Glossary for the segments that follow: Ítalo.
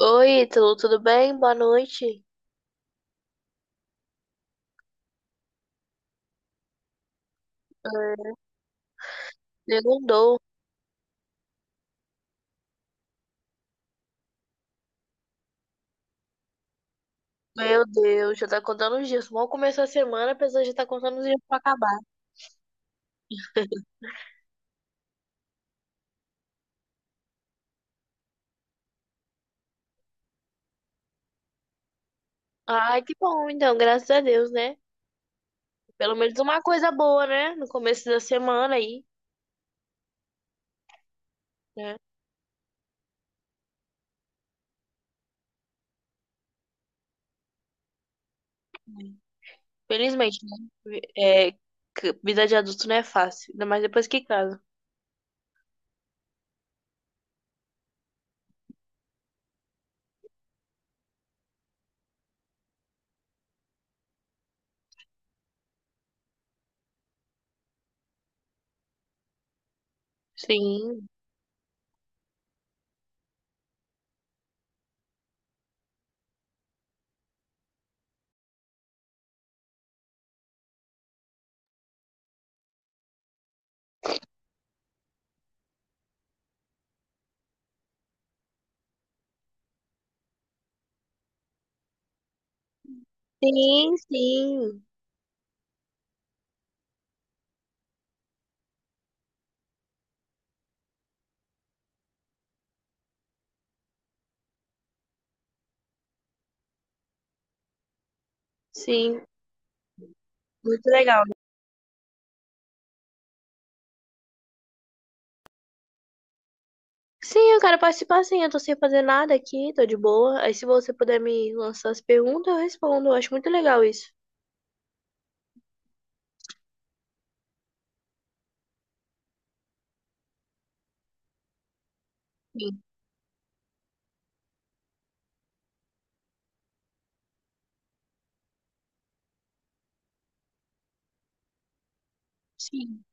Oi, Ítalo, tudo bem? Boa noite. É, segundou. Meu Deus, já tá contando os dias. Mal começou a semana, a pessoa já tá contando os dias pra acabar. Ai, que bom, então, graças a Deus, né? Pelo menos uma coisa boa, né? No começo da semana aí, né? Felizmente, né? É, que vida de adulto não é fácil, ainda mais depois que casa. Sim, sim, sim, sim. Muito legal. Sim, eu quero participar sim, eu tô sem fazer nada aqui, tô de boa. Aí se você puder me lançar as perguntas, eu respondo. Eu acho muito legal isso. Sim, sim.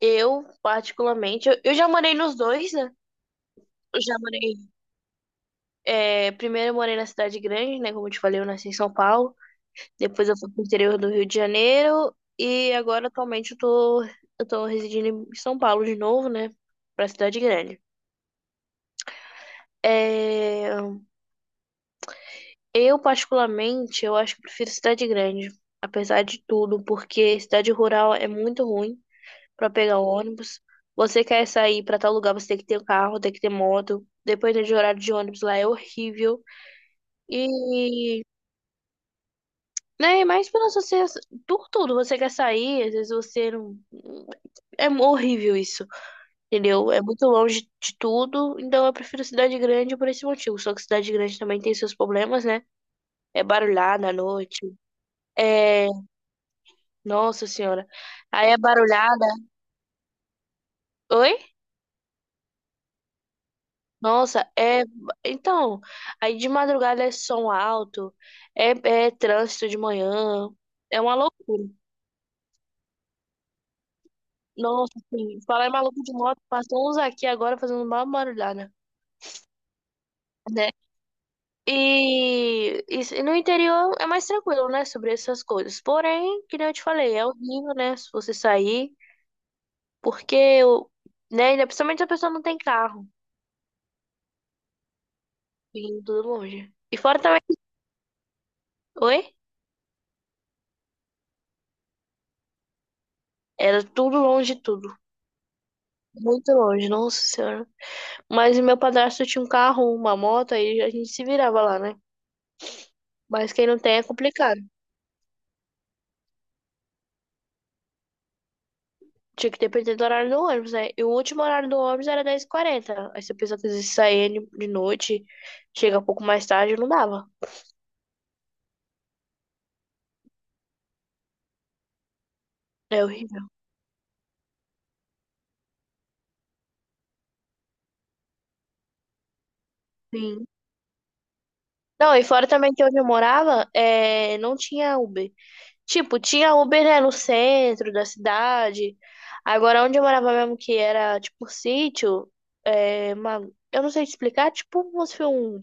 Eu, particularmente, eu já morei nos dois, né? Eu já morei. É, primeiro eu morei na cidade grande, né? Como eu te falei, eu nasci em São Paulo. Depois eu fui pro interior do Rio de Janeiro. E agora, atualmente, eu tô residindo em São Paulo de novo, né? Pra cidade grande. É. Eu, particularmente, eu acho que prefiro cidade grande, apesar de tudo, porque cidade rural é muito ruim para pegar ônibus. Você quer sair para tal lugar, você tem que ter um carro, tem que ter moto. Dependendo de horário de ônibus lá é horrível. E, né, mas pela sociedade, por tudo, você quer sair, às vezes você não. É horrível isso, entendeu? É muito longe de tudo, então eu prefiro cidade grande por esse motivo. Só que cidade grande também tem seus problemas, né? É barulhada à noite. É. Nossa senhora. Aí é barulhada. Oi? Nossa, é. Então, aí de madrugada é som alto, é, é trânsito de manhã, é uma loucura. Nossa, assim, falar em maluco de moto, passou uns aqui agora fazendo uma barulhada, né? E no interior é mais tranquilo, né, sobre essas coisas. Porém, que nem eu te falei, é horrível, né, se você sair, porque, né, ainda principalmente se a pessoa não tem carro, vindo tudo longe. E fora também. Oi? Era tudo longe de tudo. Muito longe, nossa senhora. Mas meu padrasto tinha um carro, uma moto, aí a gente se virava lá, né? Mas quem não tem é complicado. Tinha que depender do horário do ônibus, né? E o último horário do ônibus era dez h 40. Aí se a pessoa quisesse sair de noite, chega um pouco mais tarde, não dava. É horrível. Sim. Não, e fora também que onde eu morava, é... não tinha Uber. Tipo, tinha Uber, né, no centro da cidade. Agora, onde eu morava mesmo, que era, tipo, sítio, é, uma... eu não sei te explicar, tipo, como se fosse um...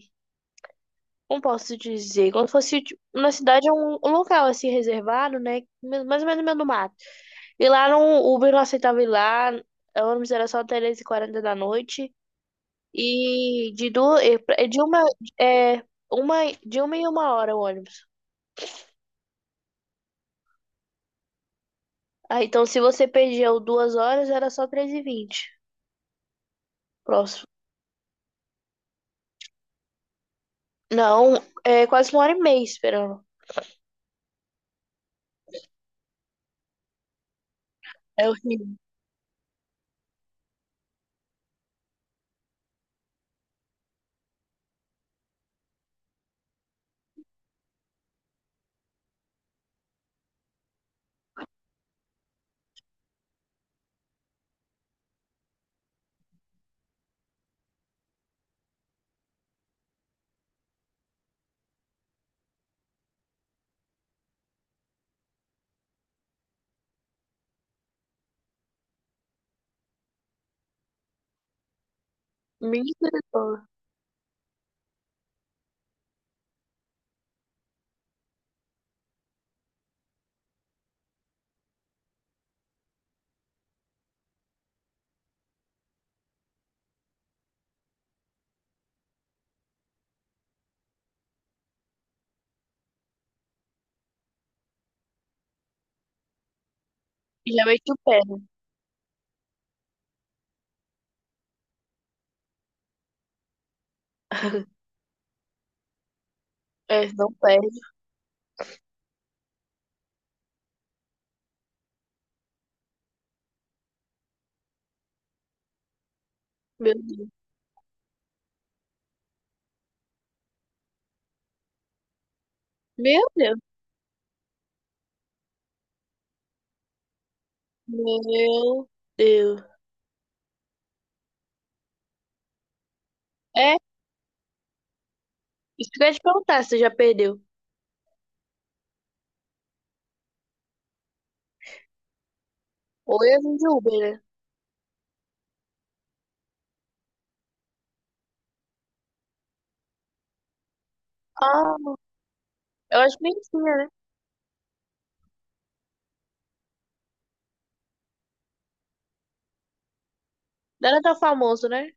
Como posso dizer? Como se fosse, tipo, na cidade, é um, local, assim, reservado, né, mais ou menos no meio do mato. E lá no Uber não aceitava ir lá, o ônibus era só três e quarenta da noite. E de duas, e de uma, é, uma, de uma em uma hora o ônibus. Ah, então se você perdia o duas horas, era só três e vinte. Próximo. Não, é quase uma hora e meia esperando. É horrível. Misericórdia. Já meti o pé. É, não perde. Meu Deus. Meu Deus. Meu Deus. É, isso que eu ia te perguntar se você já perdeu. Ou eu vim de Uber, né? Ah, eu acho que nem tinha, né? Não era tão famoso, né?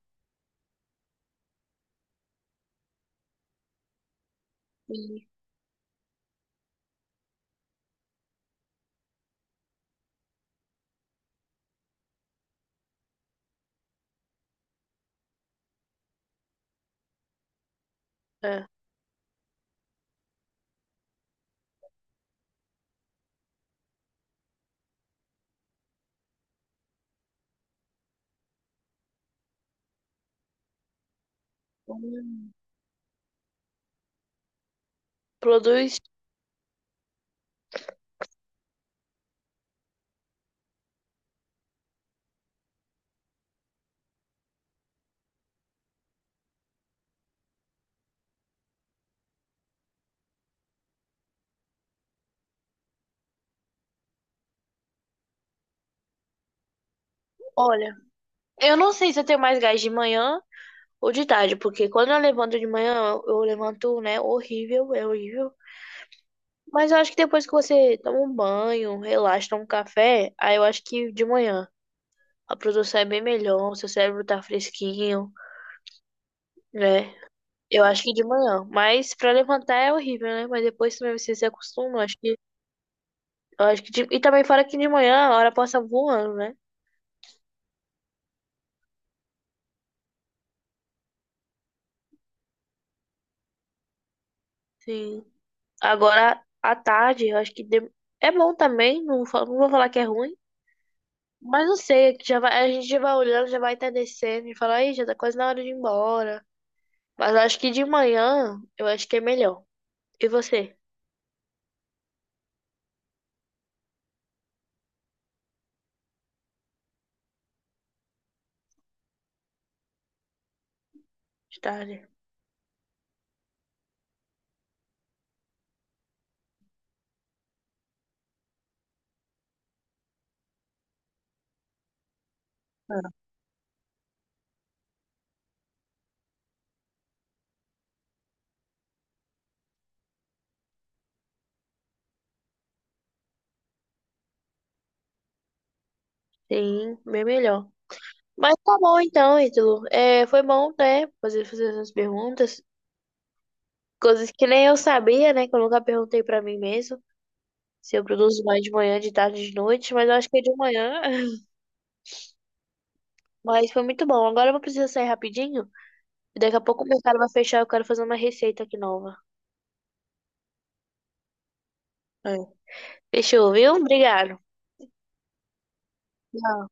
Sim. É. Hum, Produz. Olha, eu não sei se eu tenho mais gás de manhã ou de tarde, porque quando eu levanto de manhã, eu levanto, né? Horrível, é horrível. Mas eu acho que depois que você toma um banho, relaxa, toma um café, aí eu acho que de manhã a produção é bem melhor, seu cérebro tá fresquinho, né? Eu acho que de manhã. Mas pra levantar é horrível, né? Mas depois também você se acostuma, eu acho que de- e também fora que de manhã a hora passa voando, né? Sim. Agora à tarde, eu acho que de- é bom também, não, não vou falar que é ruim. Mas não sei, que já vai, a gente já vai olhando, já vai estar descendo e fala, aí, já tá quase na hora de ir embora. Mas acho que de manhã eu acho que é melhor. E você? De tarde? Sim, bem melhor. Mas tá bom então, Ítalo. É, foi bom, né? Fazer essas perguntas. Coisas que nem eu sabia, né? Que eu nunca perguntei pra mim mesmo. Se eu produzo mais de manhã, de tarde, de noite. Mas eu acho que é de manhã. Mas foi muito bom. Agora eu vou precisar sair rapidinho. E daqui a pouco o mercado vai fechar. Eu quero fazer uma receita aqui nova. É. Fechou, viu? Obrigado. Tchau.